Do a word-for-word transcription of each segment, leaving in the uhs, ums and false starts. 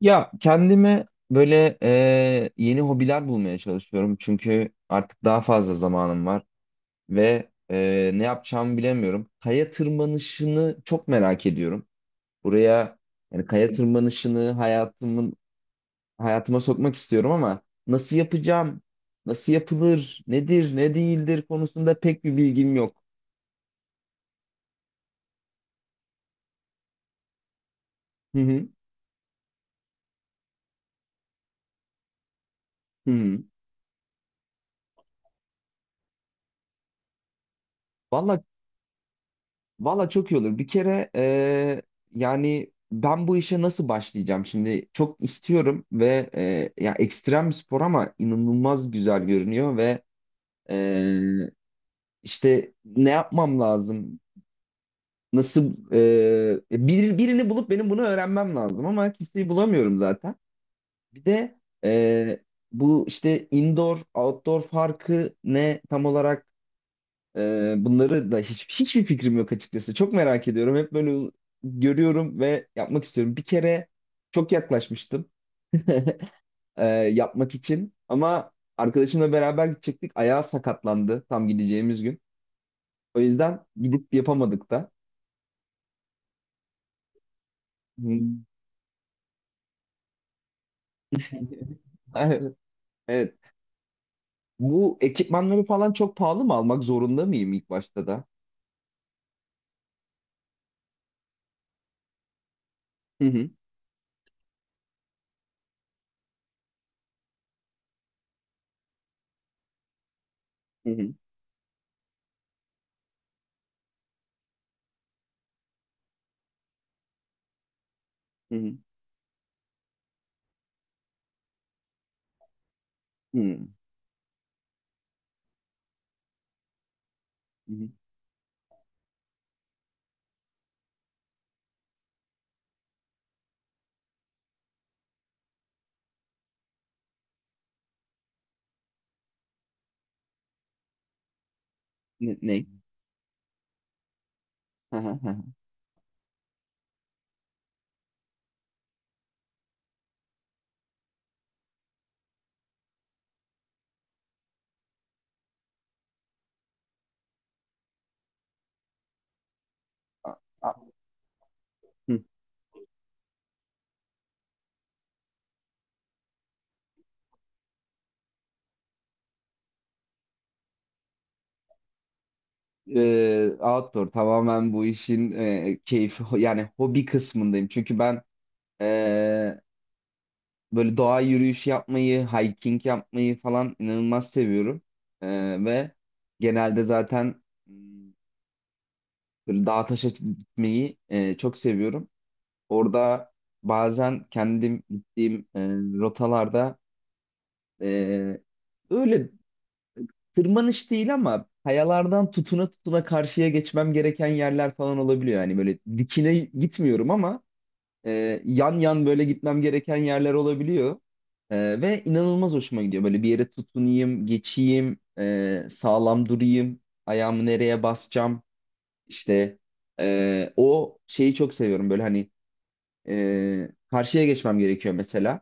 Ya kendime böyle eee, yeni hobiler bulmaya çalışıyorum. Çünkü artık daha fazla zamanım var ve eee, ne yapacağımı bilemiyorum. Kaya tırmanışını çok merak ediyorum. Buraya yani kaya tırmanışını hayatımın hayatıma sokmak istiyorum ama nasıl yapacağım? Nasıl yapılır? Nedir, ne değildir konusunda pek bir bilgim yok. Hı hı. Hı hı. Vallahi Valla çok iyi olur. Bir kere eee, yani ben bu işe nasıl başlayacağım şimdi? Çok istiyorum ve eee, ya ekstrem bir spor ama inanılmaz güzel görünüyor ve eee, işte ne yapmam lazım? Nasıl eee, e, bir- birini bulup benim bunu öğrenmem lazım ama kimseyi bulamıyorum zaten. Bir de eee, bu işte indoor outdoor farkı ne tam olarak. Ee, bunları da hiç, hiçbir fikrim yok açıkçası. Çok merak ediyorum. Hep böyle u- görüyorum ve yapmak istiyorum. Bir kere çok yaklaşmıştım ee, yapmak için ama arkadaşımla beraber gidecektik. Ayağı sakatlandı tam gideceğimiz gün. O yüzden gidip yapamadık da. Hmm. Evet. Bu ekipmanları falan çok pahalı mı almak zorunda mıyım ilk başta da? Hı hı, hı hı, hı hı, hı hı. Ne? Ne? Hı hı, hı hı. E, outdoor tamamen bu işin e, keyfi ho- yani hobi kısmındayım. Çünkü ben e, böyle doğa yürüyüşü yapmayı, hiking yapmayı falan inanılmaz seviyorum. E, ve genelde zaten m, böyle dağ taşa gitmeyi e, çok seviyorum. Orada bazen kendim gittiğim e, rotalarda e, öyle tırmanış değil ama kayalardan tutuna tutuna karşıya geçmem gereken yerler falan olabiliyor. Yani böyle dikine gitmiyorum ama e, yan yan böyle gitmem gereken yerler olabiliyor. E, ve inanılmaz hoşuma gidiyor. Böyle bir yere tutunayım, geçeyim, e, sağlam durayım, ayağımı nereye basacağım. İşte e, o şeyi çok seviyorum. Böyle hani e, karşıya geçmem gerekiyor mesela,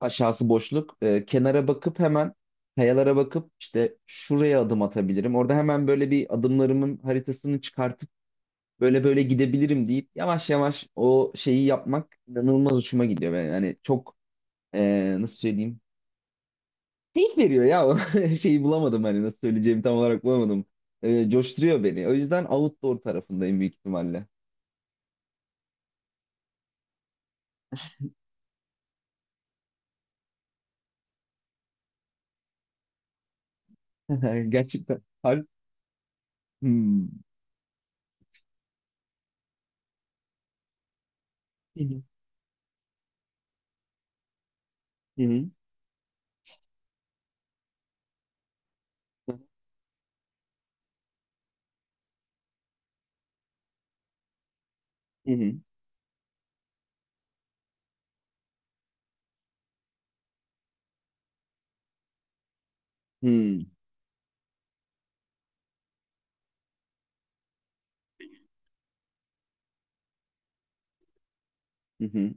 aşağısı boşluk. Ee, kenara bakıp hemen kayalara bakıp işte şuraya adım atabilirim. Orada hemen böyle bir adımlarımın haritasını çıkartıp böyle böyle gidebilirim deyip yavaş yavaş o şeyi yapmak inanılmaz hoşuma gidiyor. Ben hani çok ee, nasıl söyleyeyim? Keyif veriyor ya. O Şeyi bulamadım, hani nasıl söyleyeceğimi tam olarak bulamadım. Ee, coşturuyor beni. O yüzden outdoor tarafındayım büyük ihtimalle. Gerçekten. Har- Hmm. Hı hı. Hı hı. Hı hı. Hı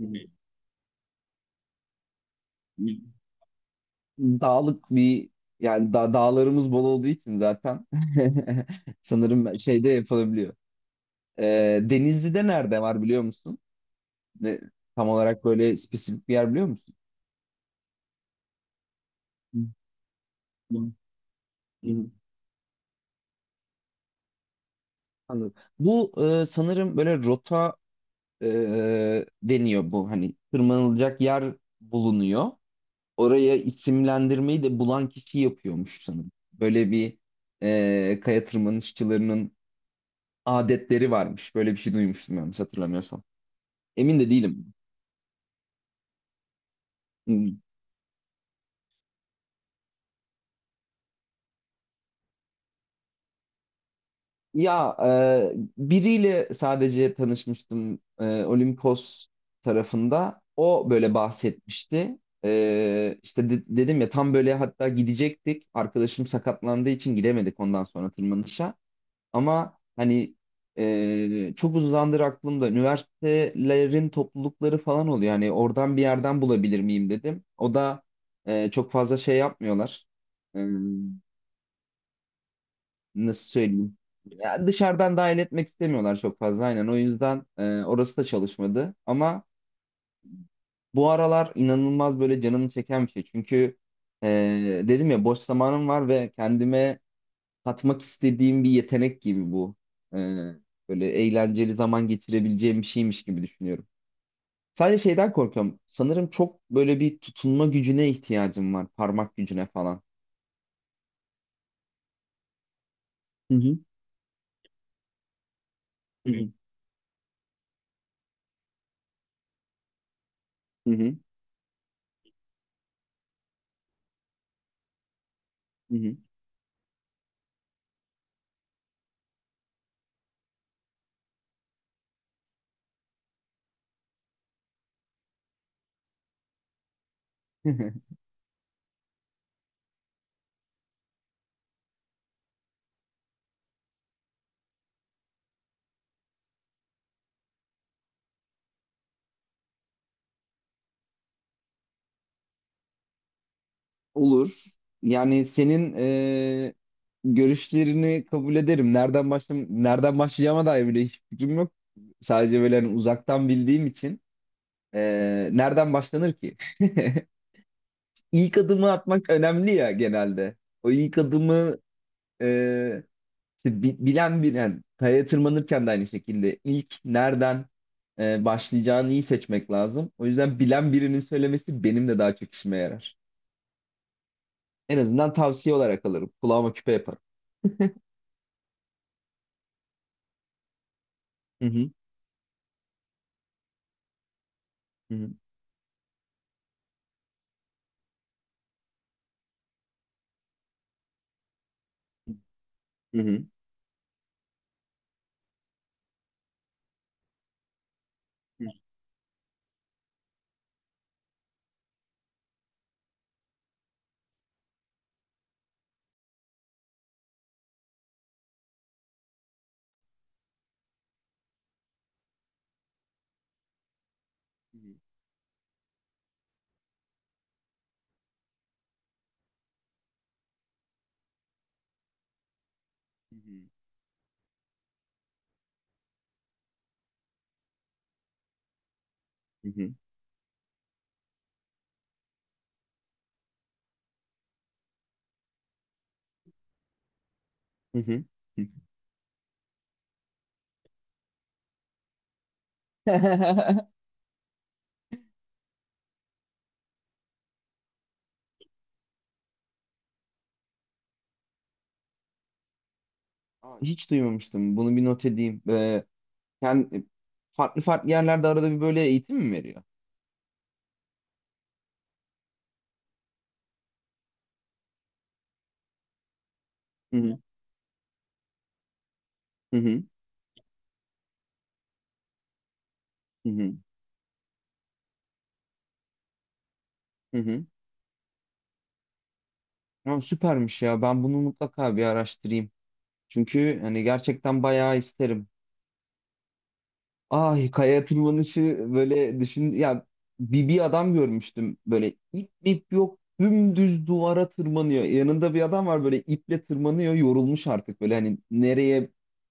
hı. Hı hı. Dağlık bir, yani da dağlarımız bol olduğu için zaten sanırım şeyde yapılabiliyor. Ee, Denizli'de nerede var biliyor musun? Ne, tam olarak böyle spesifik bir yer biliyor musun? Hı, hı, hı. Anladım. Bu e, sanırım böyle rota e, deniyor, bu hani tırmanılacak yer bulunuyor. Oraya isimlendirmeyi de bulan kişi yapıyormuş sanırım. Böyle bir e, kaya tırmanışçılarının adetleri varmış. Böyle bir şey duymuştum yanlış hatırlamıyorsam. Emin de değilim. Hmm. Ya e, biriyle sadece tanışmıştım, e, Olimpos tarafında. O böyle bahsetmişti. E, işte de- dedim ya tam böyle, hatta gidecektik. Arkadaşım sakatlandığı için gidemedik ondan sonra tırmanışa. Ama hani e, çok uzun zamandır aklımda üniversitelerin toplulukları falan oluyor. Hani oradan bir yerden bulabilir miyim dedim. O da e, çok fazla şey yapmıyorlar. Nasıl söyleyeyim, ya dışarıdan dahil etmek istemiyorlar çok fazla, aynen, o yüzden e, orası da çalışmadı. Ama bu aralar inanılmaz böyle canımı çeken bir şey çünkü e, dedim ya boş zamanım var ve kendime katmak istediğim bir yetenek gibi bu. E, Böyle eğlenceli zaman geçirebileceğim bir şeymiş gibi düşünüyorum. Sadece şeyden korkuyorum sanırım, çok böyle bir tutunma gücüne ihtiyacım var, parmak gücüne falan. Hı hı. Hı hı. Hı hı. Hı hı. Olur. Yani senin eee, görüşlerini kabul ederim. Nereden başlam nereden başlayacağıma dair bile hiç fikrim yok. Sadece böyle hani uzaktan bildiğim için eee, nereden başlanır ki? İlk adımı atmak önemli ya genelde. O ilk adımı eee, işte bi- bilen bilen kayaya tırmanırken de aynı şekilde ilk nereden eee, başlayacağını iyi seçmek lazım. O yüzden bilen birinin söylemesi benim de daha çok işime yarar. En azından tavsiye olarak alırım. Kulağıma küpe yaparım. Hı hı. Hı hı. Hı hı. Hı hı. Hı hı. Hı hı. Hı hı. Aa, hiç duymamıştım. Bunu bir not edeyim. Ee, kend- Farklı farklı yerlerde arada bir böyle eğitim mi veriyor? Hı hı. Hı hı. Hı hı. Hı hı. Ya süpermiş ya. Ben bunu mutlaka bir araştırayım. Çünkü hani gerçekten bayağı isterim. Ay, kaya tırmanışı böyle düşün ya, bir, bir adam görmüştüm böyle ip ip yok, dümdüz duvara tırmanıyor. Yanında bir adam var böyle iple tırmanıyor, yorulmuş artık böyle, hani nereye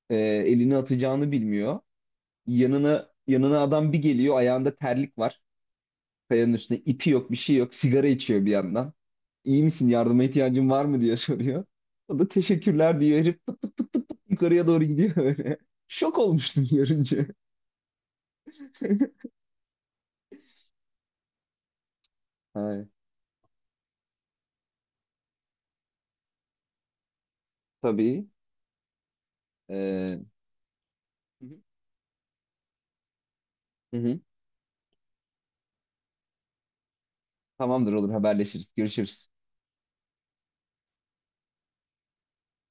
e, elini atacağını bilmiyor. Yanına yanına adam bir geliyor, ayağında terlik var, kayanın üstünde ipi yok, bir şey yok, sigara içiyor bir yandan. İyi misin, yardıma ihtiyacın var mı diye soruyor. O da teşekkürler diyor, herif pıt pıt pıt pıt pıt yukarıya doğru gidiyor böyle. Şok olmuştum görünce. Ay. Tabii. Ee, Hı hı. Hı hı. Tamamdır, olur, haberleşiriz. Görüşürüz.